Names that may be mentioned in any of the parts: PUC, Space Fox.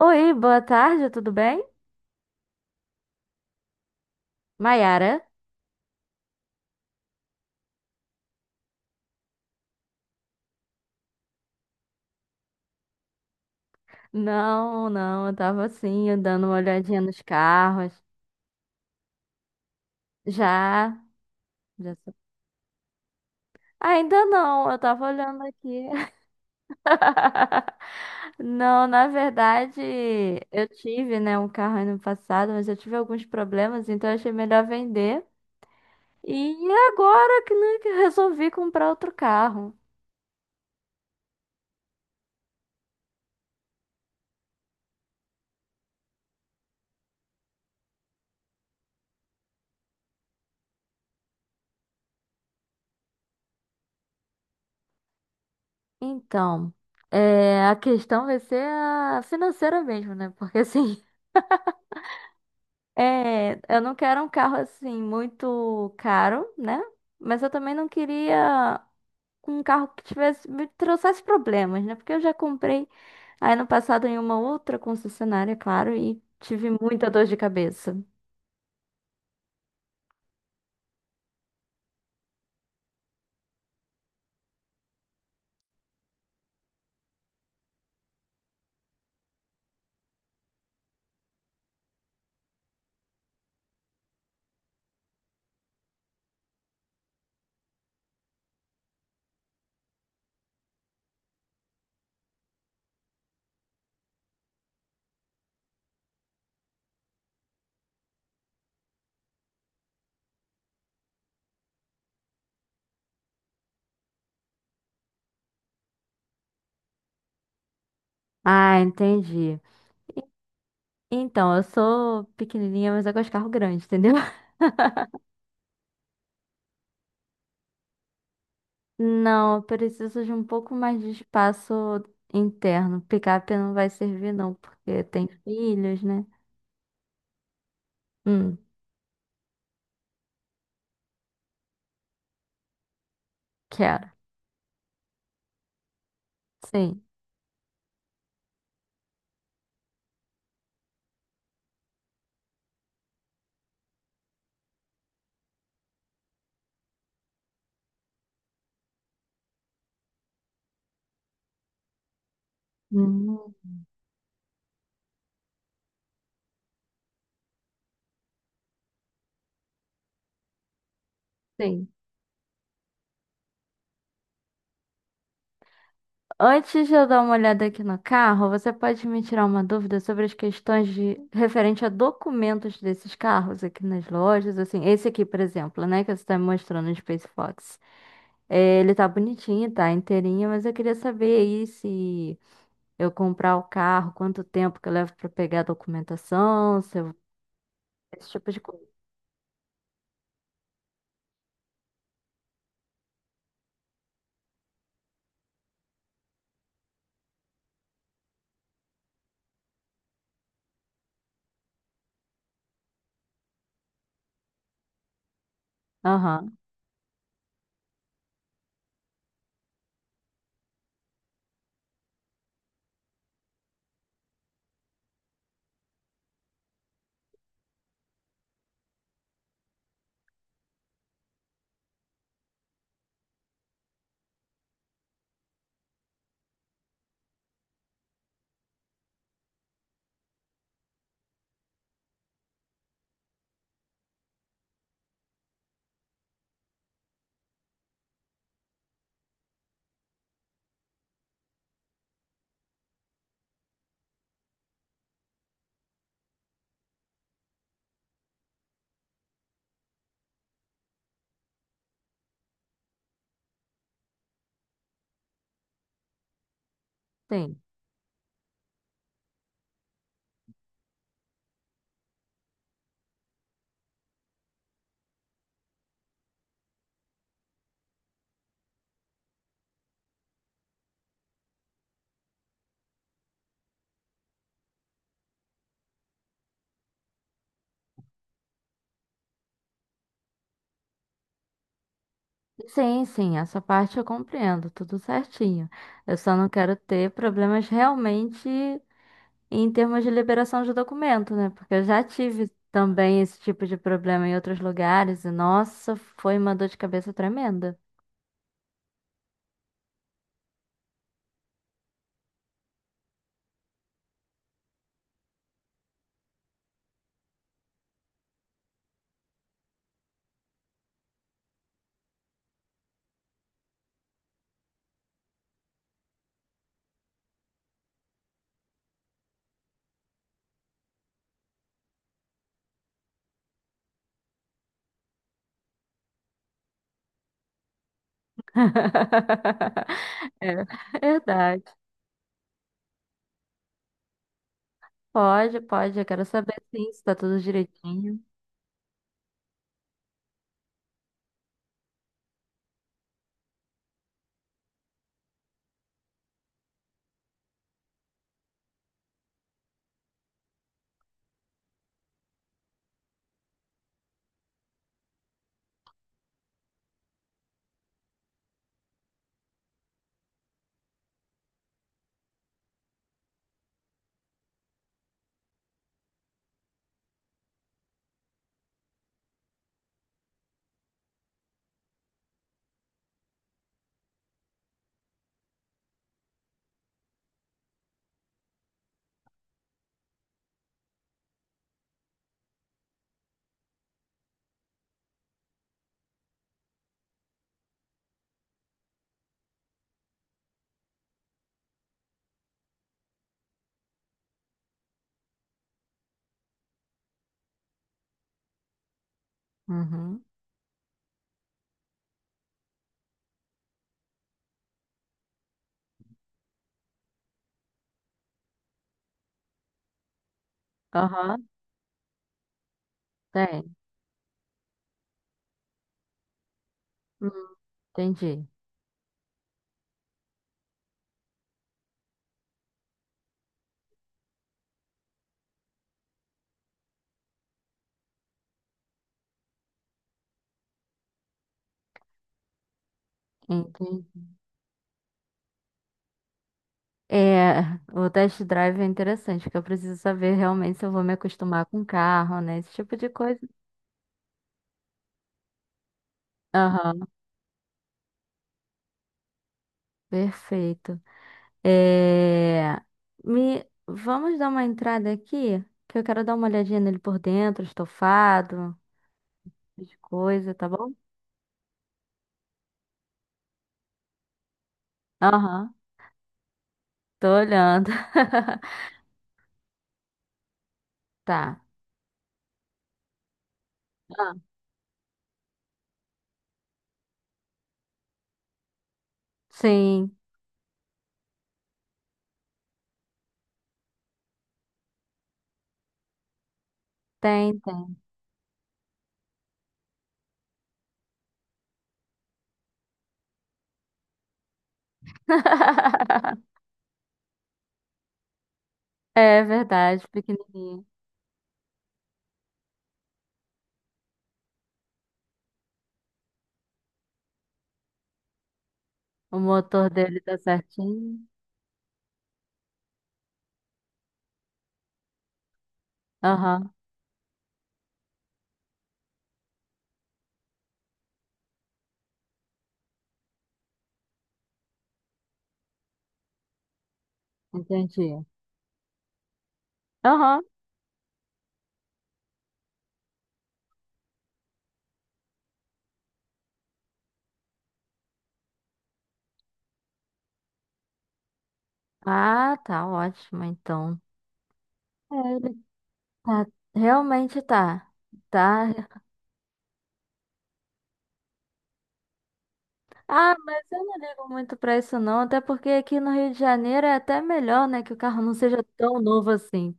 Oi, boa tarde, tudo bem? Maiara? Não, eu tava assim, dando uma olhadinha nos carros. Já, já. Sou- ainda não, eu tava olhando aqui. Não, na verdade, eu tive, né, um carro ano passado, mas eu tive alguns problemas, então eu achei melhor vender. E agora que, né, que eu resolvi comprar outro carro. Então, a questão vai ser a financeira mesmo, né? Porque assim. É, eu não quero um carro assim muito caro, né? Mas eu também não queria um carro que tivesse me trouxesse problemas, né? Porque eu já comprei aí no passado em uma outra concessionária, claro, e tive muita dor de cabeça. Ah, entendi. Então, eu sou pequenininha, mas eu gosto de carro grande, entendeu? Não, eu preciso de um pouco mais de espaço interno. Picape não vai servir, não, porque tem filhos, né? Hum, quero. Sim. Hum, sim. Antes de eu dar uma olhada aqui no carro, você pode me tirar uma dúvida sobre as questões de referente a documentos desses carros aqui nas lojas, assim, esse aqui, por exemplo, né, que você está me mostrando no Space Fox. É, ele tá bonitinho, tá inteirinho, mas eu queria saber aí se eu comprar o carro, quanto tempo que eu levo para pegar a documentação, se eu- esse tipo de coisa. Aham, sim. Sim, essa parte eu compreendo, tudo certinho. Eu só não quero ter problemas realmente em termos de liberação de documento, né? Porque eu já tive também esse tipo de problema em outros lugares e, nossa, foi uma dor de cabeça tremenda. É verdade. Pode, pode. Eu quero saber sim, se tá tudo direitinho. Uhum. Aham, tem. Hum, entendi. Entendi. É, o test drive é interessante, porque eu preciso saber realmente se eu vou me acostumar com o carro, né? Esse tipo de coisa. Aham, perfeito. É, vamos dar uma entrada aqui, que eu quero dar uma olhadinha nele por dentro, estofado, de coisa, tá bom? Aham, tô olhando. Tá. Ah, sim, tem, tem. É verdade, pequenininho. O motor dele tá certinho. Aham, entendi. Aham. Ah, tá ótimo, então. É, ele tá, realmente tá. Tá. Ah, mas eu não ligo muito pra isso não, até porque aqui no Rio de Janeiro é até melhor, né, que o carro não seja tão novo assim.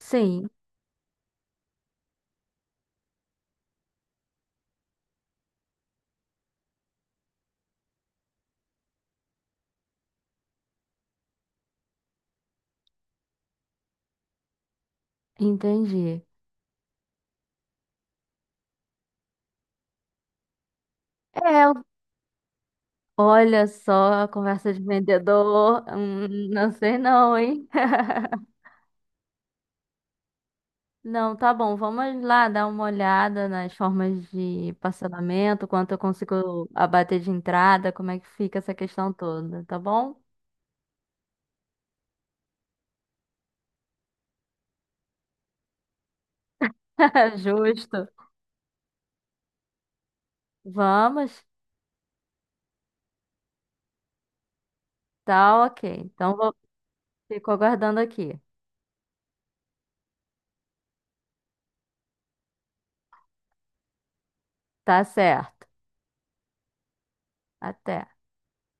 Sim, entendi. É, olha só a conversa de vendedor, não sei não, hein? Não, tá bom, vamos lá dar uma olhada nas formas de parcelamento, quanto eu consigo abater de entrada, como é que fica essa questão toda, tá bom? Justo. Vamos? Tá, ok. Então, vou... fico aguardando aqui. Tá certo. Até.